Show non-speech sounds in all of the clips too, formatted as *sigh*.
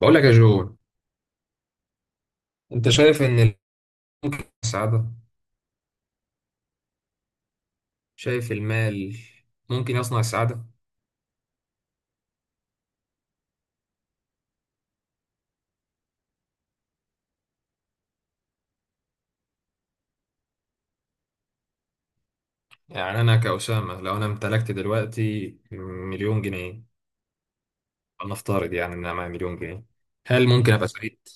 بقول لك يا جو، انت شايف ان ممكن يصنع السعادة. شايف المال ممكن يصنع السعادة. يعني انا كأسامة، لو انا امتلكت دلوقتي مليون جنيه، نفترض يعني ان انا معايا مليون جنيه، هل ممكن ابقى سعيد؟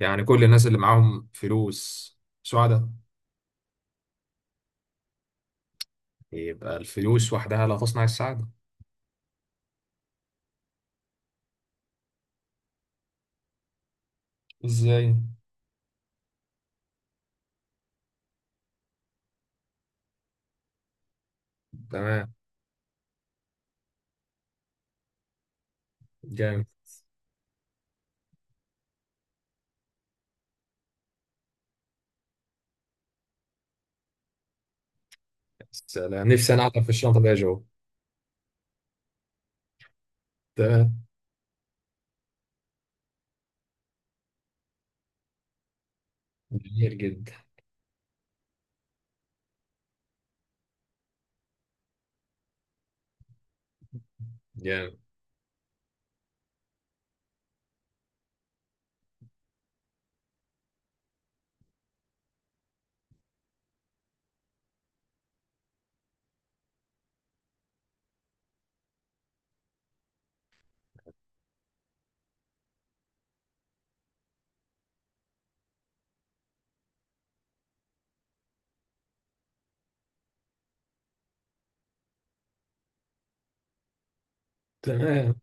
يعني كل الناس اللي معاهم فلوس سعداء؟ يبقى الفلوس وحدها لا تصنع السعادة. ازاي؟ تمام. جامد. سلام. نفسي انا اعطى في الشنطة دي يا جو. تمام. جميل جدا. جامد. تمام.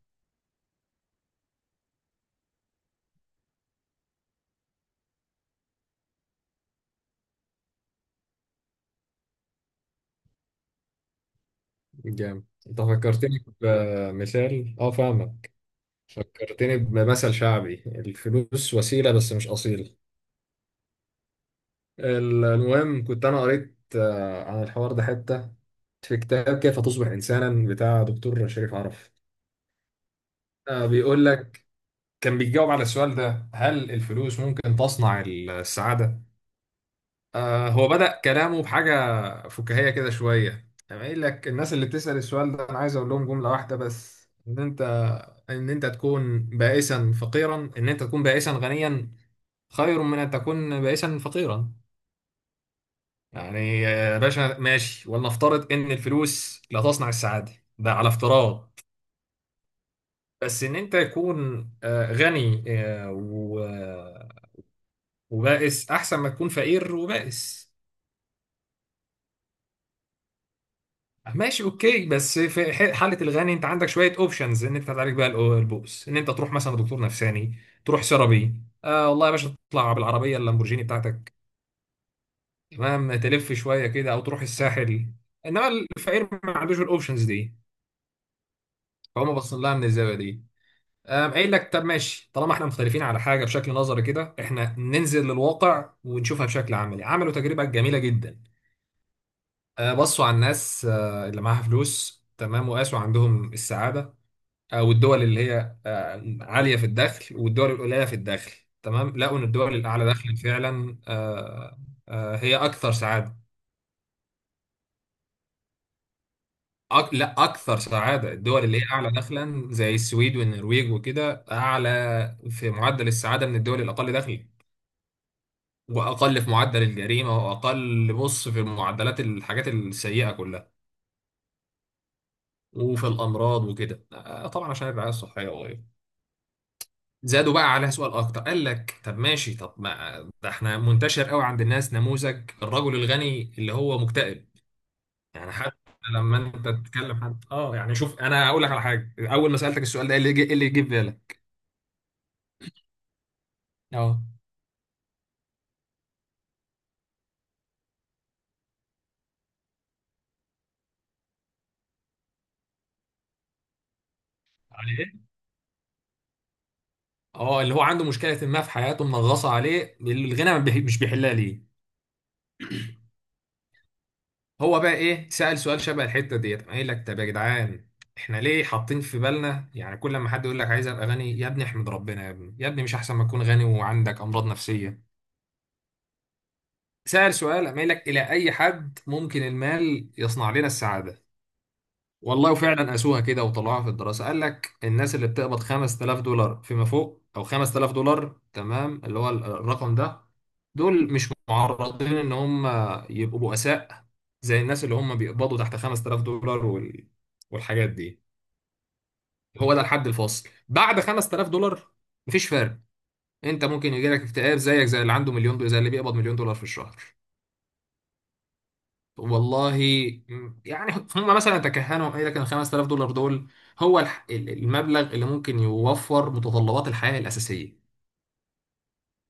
جامد، انت فكرتني بمثال. اه، فاهمك. فكرتني بمثل شعبي: الفلوس وسيلة بس مش أصيلة. المهم، كنت أنا قريت عن الحوار ده حتة في كتاب كيف تصبح إنسانا بتاع دكتور شريف عرف. بيقول لك كان بيجاوب على السؤال ده: هل الفلوس ممكن تصنع السعادة؟ هو بدأ كلامه بحاجة فكاهية كده شوية، أنا قايل لك الناس اللي بتسأل السؤال ده أنا عايز أقول لهم جملة واحدة بس: إن أنت، إن أنت تكون بائسا فقيرا، إن أنت تكون بائسا غنيا، خير من أن تكون بائسا فقيرا. يعني يا باشا ماشي، ولنفترض إن الفلوس لا تصنع السعادة، ده على افتراض. بس إن أنت تكون غني وبائس، أحسن ما تكون فقير وبائس. ماشي، اوكي، بس في حاله الغني انت عندك شويه اوبشنز ان انت تعالج بقى البؤس، ان انت تروح مثلا دكتور نفساني، تروح سيرابي، والله يا باشا تطلع بالعربيه اللامبورجيني بتاعتك، تمام، تلف شويه كده، او تروح الساحل. انما الفقير ما عندوش الاوبشنز دي. فهم باصين لها من الزاويه دي. قام قايل لك طب ماشي، طالما احنا مختلفين على حاجه بشكل نظري كده، احنا ننزل للواقع ونشوفها بشكل عملي. عملوا تجربه جميله جدا. بصوا على الناس اللي معاها فلوس، تمام، وقاسوا عندهم السعاده، او الدول اللي هي عاليه في الدخل والدول القليله في الدخل. تمام، لقوا ان الدول الاعلى دخلا فعلا هي اكثر سعاده. لا، اكثر سعاده الدول اللي هي اعلى دخلا زي السويد والنرويج وكده، اعلى في معدل السعاده من الدول الاقل دخلا، واقل في معدل الجريمه، واقل، بص، في معدلات الحاجات السيئه كلها، وفي الامراض وكده، طبعا عشان الرعايه الصحيه. زادوا بقى عليها سؤال اكتر، قال لك طب ماشي، طب ما ده احنا منتشر قوي عند الناس نموذج الرجل الغني اللي هو مكتئب. يعني حتى لما انت تتكلم حد، يعني شوف، انا اقول لك على حاجه، اول ما سالتك السؤال ده إيه اللي إيه اللي يجي في بالك؟ اه. على ايه؟ اه، اللي هو عنده مشكله ما في حياته منغصه عليه، الغنى ما بيح- مش بيحلها ليه. هو بقى ايه، سال سؤال شبه الحته ديت، قام قايل لك طب يا جدعان، احنا ليه حاطين في بالنا يعني كل ما حد يقول لك عايز ابقى غني، يا ابني احمد ربنا يا ابني، يا ابني مش احسن ما تكون غني وعندك امراض نفسيه؟ سأل سؤال، قام قايل لك: إلى أي حد ممكن المال يصنع لنا السعادة؟ والله وفعلا قاسوها كده وطلعوها في الدراسة، قال لك الناس اللي بتقبض $5000 فيما فوق، أو $5000، تمام، اللي هو الرقم ده، دول مش معرضين إن هم يبقوا بؤساء زي الناس اللي هم بيقبضوا تحت $5000 والحاجات دي. هو ده الحد الفاصل، بعد $5000 مفيش فرق. انت ممكن يجيلك اكتئاب زيك زي اللي عنده مليون دولار، زي اللي بيقبض مليون دولار في الشهر. والله، يعني هم مثلا تكهنوا، قال لك ان $5000 دول هو المبلغ اللي ممكن يوفر متطلبات الحياة الأساسية،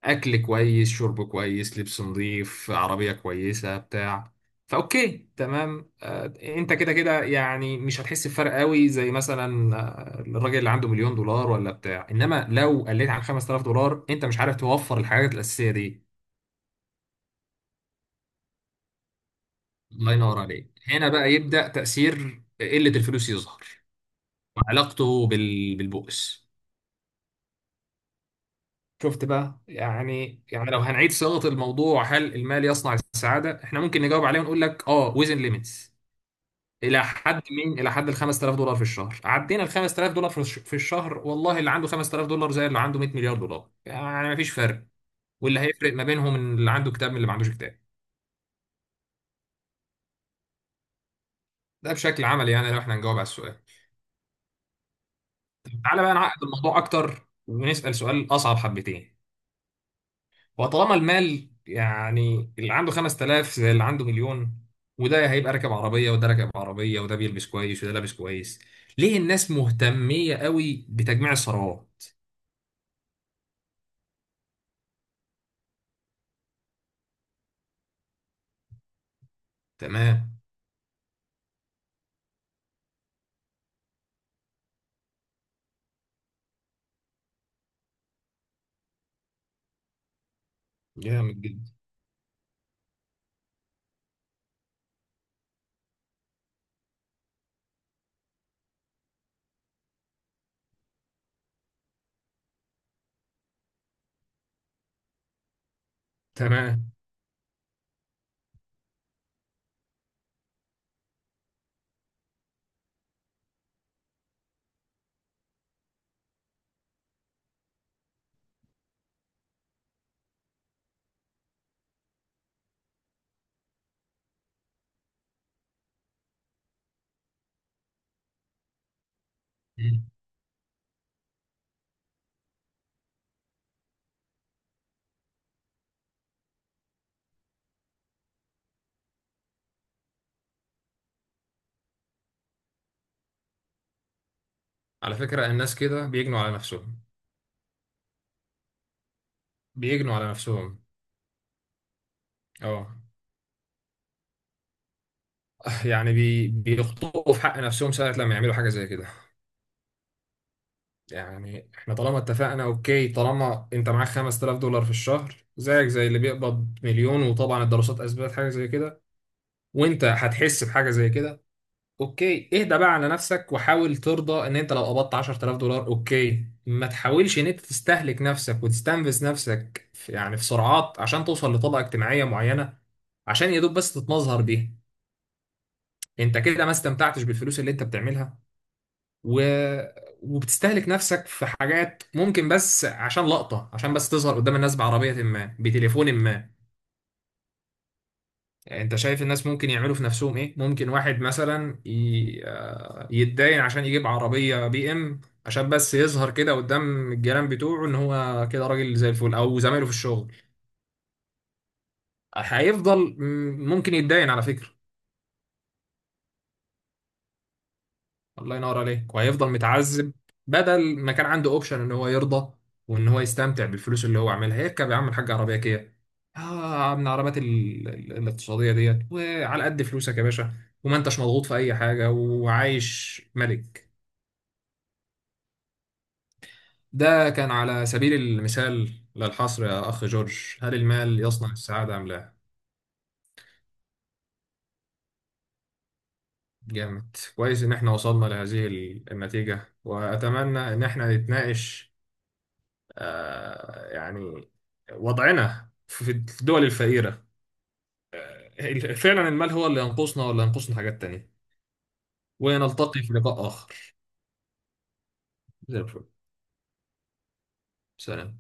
أكل كويس، شرب كويس، لبس نظيف، عربية كويسة، بتاع. فأوكي تمام، أنت كده كده يعني مش هتحس بفرق قوي زي مثلا الراجل اللي عنده مليون دولار ولا بتاع. إنما لو قليت عن $5000 أنت مش عارف توفر الحاجات الأساسية دي. الله ينور عليك. هنا بقى يبدأ تأثير قلة الفلوس يظهر، وعلاقته بالبؤس. شفت بقى. يعني لو هنعيد صياغة الموضوع هل المال يصنع السعادة، احنا ممكن نجاوب عليه ونقول لك اه، ويزن ليميتس. الى حد مين؟ الى حد ال $5000 في الشهر. عدينا ال $5000 في الشهر، والله اللي عنده $5000 زي اللي عنده 100 مليار دولار، يعني مفيش فرق. واللي هيفرق ما بينهم إن اللي عنده كتاب من اللي ما عندوش كتاب. ده بشكل عملي يعني، لو احنا نجاوب على السؤال. طب تعالى بقى نعقد الموضوع اكتر، ونسأل سؤال اصعب حبتين. وطالما المال، يعني اللي عنده 5000 زي اللي عنده مليون، وده هيبقى راكب عربية وده راكب عربية، وده بيلبس كويس وده لابس كويس، ليه الناس مهتمية قوي بتجميع الثروات؟ تمام. جامد جدا. تمام. مم. على فكرة الناس كده بيجنوا على نفسهم. بيجنوا على نفسهم. اه. *laughs* يعني بيخطئوا في حق نفسهم ساعة لما يعملوا حاجة زي كده. يعني احنا طالما اتفقنا، اوكي، طالما انت معاك $5000 في الشهر زيك زي اللي بيقبض مليون، وطبعا الدراسات اثبتت حاجه زي كده، وانت هتحس بحاجه زي كده. اوكي، اهدى بقى على نفسك، وحاول ترضى ان انت لو قبضت $10000 اوكي، ما تحاولش ان انت تستهلك نفسك وتستنفذ نفسك في سرعات عشان توصل لطبقه اجتماعيه معينه، عشان يا دوب بس تتمظهر بيها. انت كده ما استمتعتش بالفلوس اللي انت بتعملها، و... وبتستهلك نفسك في حاجات، ممكن بس عشان لقطة، عشان بس تظهر قدام الناس بعربية ما، بتليفون ما. انت شايف الناس ممكن يعملوا في نفسهم ايه؟ ممكن واحد مثلا ي... آه، يتداين عشان يجيب عربية بي ام عشان بس يظهر كده قدام الجيران بتوعه ان هو كده راجل زي الفل، او زمايله في الشغل. هيفضل، ممكن يتداين على فكرة. الله ينور عليك، وهيفضل متعذب. بدل ما كان عنده اوبشن ان هو يرضى وان هو يستمتع بالفلوس اللي هو عاملها، هيركب يا عم الحاج عربيه كيا، اه، من العربيات الاقتصاديه ديت، وعلى قد فلوسك يا باشا، وما انتش مضغوط في اي حاجه، وعايش ملك. ده كان على سبيل المثال للحصر. يا اخ جورج، هل المال يصنع السعاده ام لا؟ جامد، كويس ان احنا وصلنا لهذه النتيجه، واتمنى ان احنا نتناقش، يعني وضعنا في الدول الفقيرة، فعلا المال هو اللي ينقصنا ولا ينقصنا حاجات تانية، ونلتقي في لقاء آخر. زي الفل. سلام.